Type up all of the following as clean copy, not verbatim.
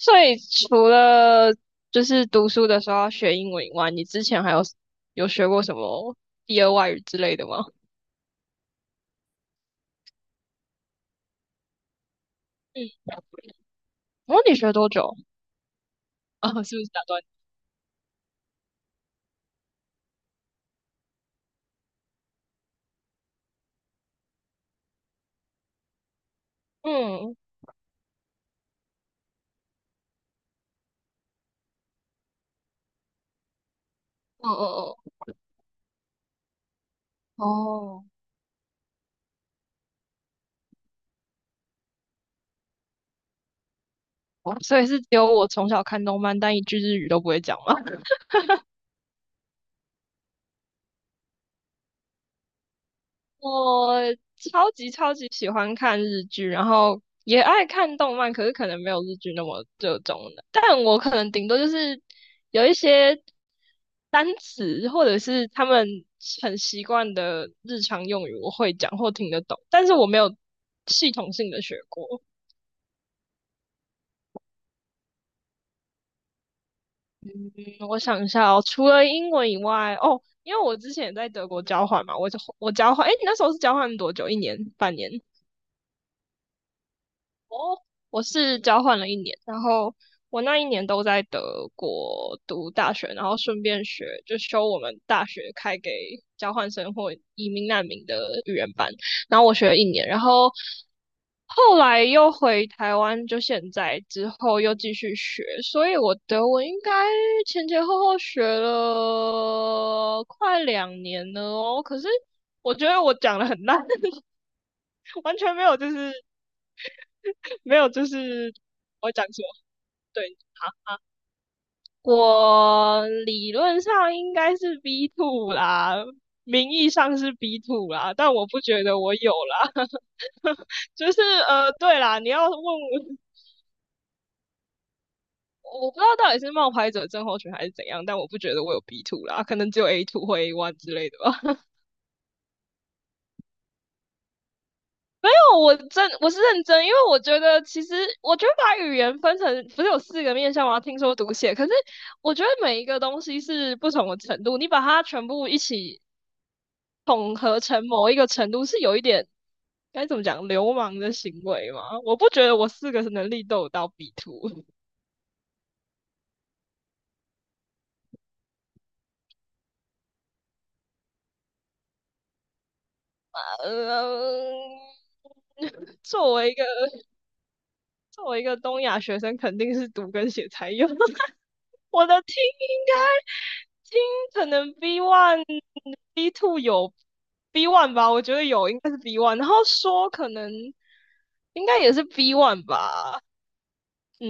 所以除了就是读书的时候要学英文以外，你之前还有有学过什么第二外语之类的吗？嗯，哦，你学多久？啊、是不是打断你？嗯，嗯哦哦哦，哦，所以是只有我从小看动漫，但一句日语都不会讲吗？我超级超级喜欢看日剧，然后也爱看动漫，可是可能没有日剧那么热衷的。但我可能顶多就是有一些单词，或者是他们很习惯的日常用语，我会讲或听得懂，但是我没有系统性的学过。嗯，我想一下哦，除了英文以外，哦，因为我之前也在德国交换嘛，我交换，诶，你那时候是交换多久？一年、半年？我是交换了一年，然后我那一年都在德国读大学，然后顺便学就修我们大学开给交换生或移民难民的语言班，然后我学了一年，然后后来又回台湾，就现在之后又继续学，所以我德文应该前前后后学了快2年了哦，可是我觉得我讲的很烂，完全没有就是没有，就是我会讲错，对，我理论上应该是 B two 啦，名义上是 B two 啦，但我不觉得我有啦。就是对啦，你要问我，我不知道到底是冒牌者症候群还是怎样，但我不觉得我有 B two 啦，可能只有 A two 或 A1 之类的吧。我是认真，因为我觉得其实我觉得把语言分成不是有四个面向吗？听说读写，可是我觉得每一个东西是不同的程度，你把它全部一起统合成某一个程度，是有一点该怎么讲流氓的行为吗？我不觉得我四个能力都有到 B 图。呃，作为一个作为一个东亚学生，肯定是读跟写才有。我的听应该听可能 B one、B2 有 B one 吧，我觉得有，应该是 B one。然后说可能应该也是 B one 吧，嗯，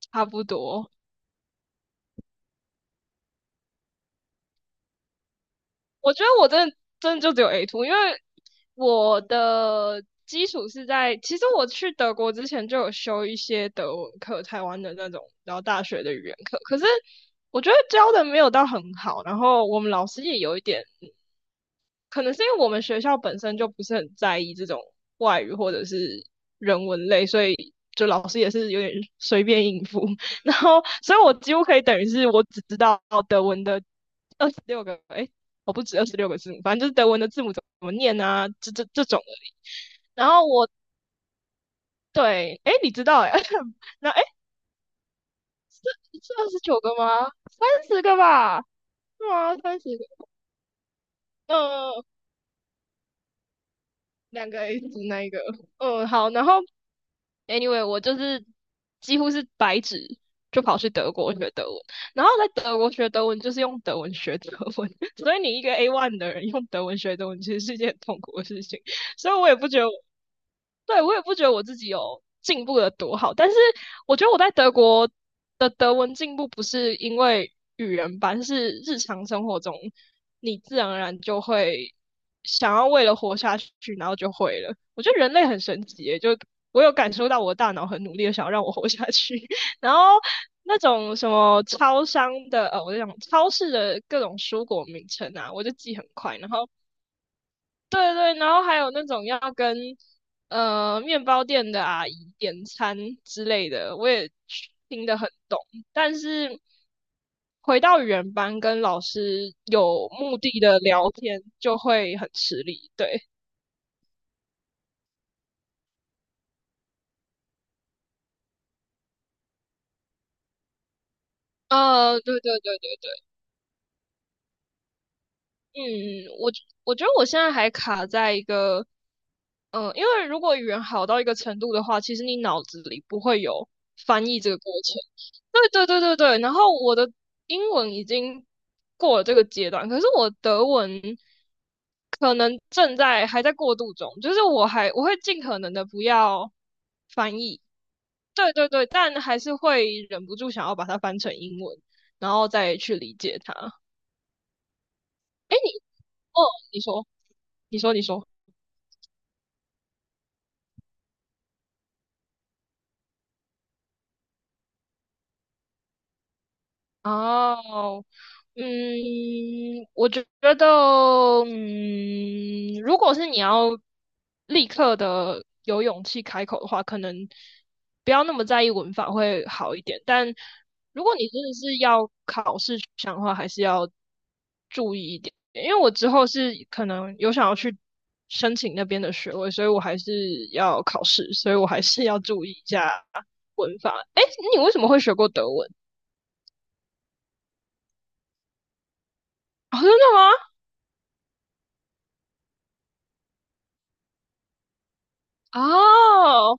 差不多。我觉得我真的真的就只有 A two，因为我的基础是在，其实我去德国之前就有修一些德文课，台湾的那种，然后大学的语言课，可是我觉得教的没有到很好，然后我们老师也有一点可能是因为我们学校本身就不是很在意这种外语或者是人文类，所以就老师也是有点随便应付。然后，所以我几乎可以等于是我只知道德文的六个，哎，我不止26个字母，反正就是德文的字母怎么念啊，这种而已。然后我对，哎，你知道哎，那哎是29个吗？三十个吧？是吗？三十个？嗯、呃两个 A 组那一个。嗯，好，然后 Anyway，我就是几乎是白纸就跑去德国学德文，然后在德国学德文就是用德文学德文，所以你一个 A1 的人用德文学德文，其实是一件很痛苦的事情。所以我也不觉得我，对，我也不觉得我自己有进步的多好。但是我觉得我在德国的德文进步不是因为语言班，是日常生活中你自然而然就会想要为了活下去，然后就会了。我觉得人类很神奇耶，就我有感受到我的大脑很努力的想要让我活下去，然后。那种什么超商的，我就讲超市的各种蔬果名称啊，我就记很快，然后对对，然后还有那种要跟面包店的阿姨点餐之类的，我也听得很懂。但是回到原班跟老师有目的的聊天，就会很吃力。对，对对对嗯，我我觉得我现在还卡在一个，因为如果语言好到一个程度的话，其实你脑子里不会有翻译这个过程。对对对对对，然后我的英文已经过了这个阶段，可是我德文可能正在还在过渡中，就是我会尽可能的不要翻译。对对对，但还是会忍不住想要把它翻成英文，然后再去理解它。哎，哦，你说。你说，你说。哦，嗯，我觉得，如果是你要立刻的有勇气开口的话，可能不要那么在意文法会好一点。但如果你真的是要考试取向的话，还是要注意一点。因为我之后是可能有想要去申请那边的学位，所以我还是要考试，所以我还是要注意一下文法。诶，你为什么会学过德文？哦，真的吗？哦，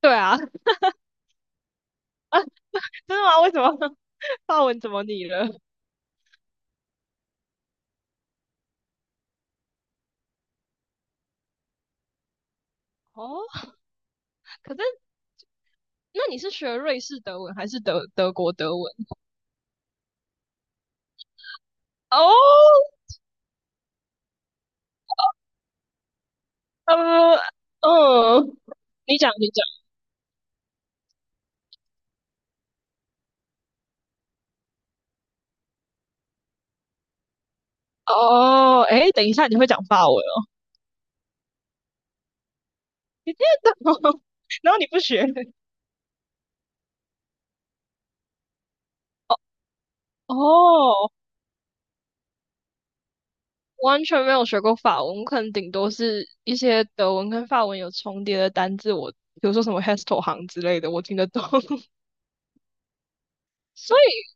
对啊 真的吗？为什么 法文怎么你了？哦，可是那你是学瑞士德文还是德国德文？哦，呃，嗯，你讲你讲。哦，哎，等一下，你会讲法文哦？你听得懂？然后你不学？哦，完全没有学过法文，我可能顶多是一些德文跟法文有重叠的单字，我比如说什么 Hestel 行之类的，我听得懂。所以，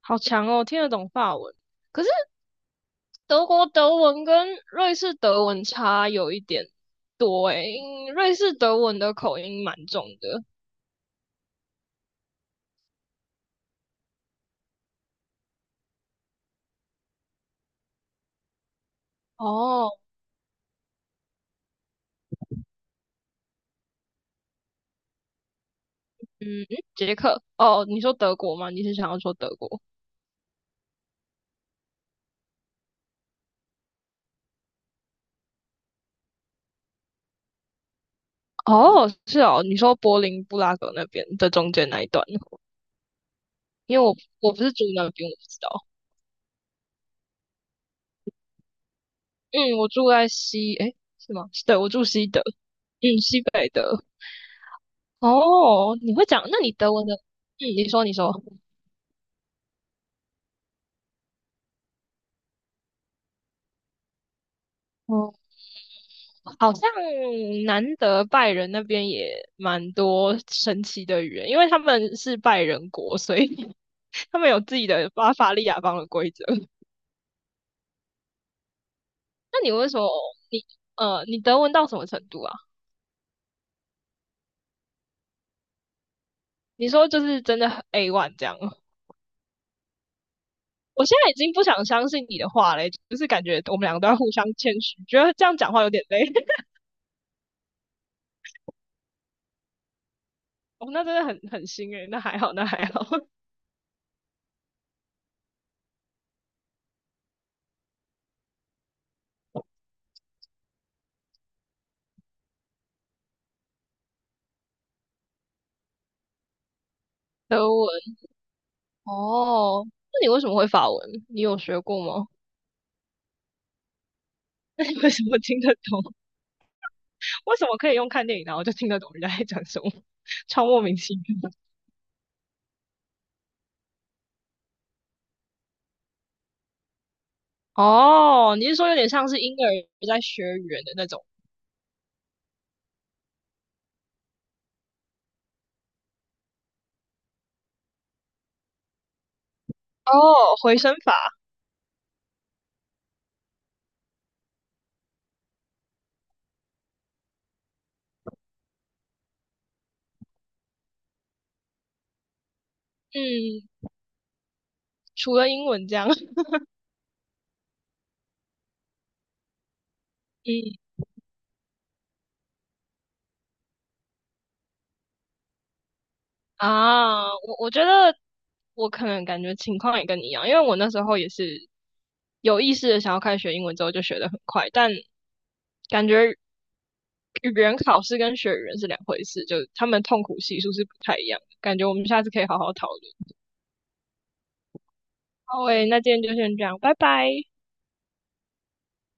好强哦，听得懂法文。可是德国德文跟瑞士德文差有一点多诶，因瑞士德文的口音蛮重的。哦，嗯，捷克。哦，你说德国吗？你是想要说德国？哦，是哦，你说柏林布拉格那边的中间那一段，因为我不是住那边，我不知道。嗯，我住在西，诶，是吗？对，我住西德，嗯，西北德。哦，你会讲？那你德文的？嗯，你说，你说。好像南德拜仁那边也蛮多神奇的语言，因为他们是拜仁国，所以 他们有自己的巴伐利亚方的规则。那你你德文到什么程度啊？你说就是真的很 A one 这样吗？我现在已经不想相信你的话嘞，就是感觉我们两个都要互相谦虚，觉得这样讲话有点累。哦，那真的很新诶，那还好，那还好。德文哦，那你为什么会法文？你有学过吗？那你为什么听得懂？为什么可以用看电影，然后就听得懂人家在讲什么，超莫名其妙。哦，你是说有点像是婴儿在学语言的那种？哦，回声法，嗯，除了英文这样，嗯我觉得我可能感觉情况也跟你一样，因为我那时候也是有意识的想要开始学英文之后就学得很快，但感觉语言考试跟学语言是两回事，就他们痛苦系数是不太一样的，感觉我们下次可以好好讨论。好诶，那今天就先这样，拜拜。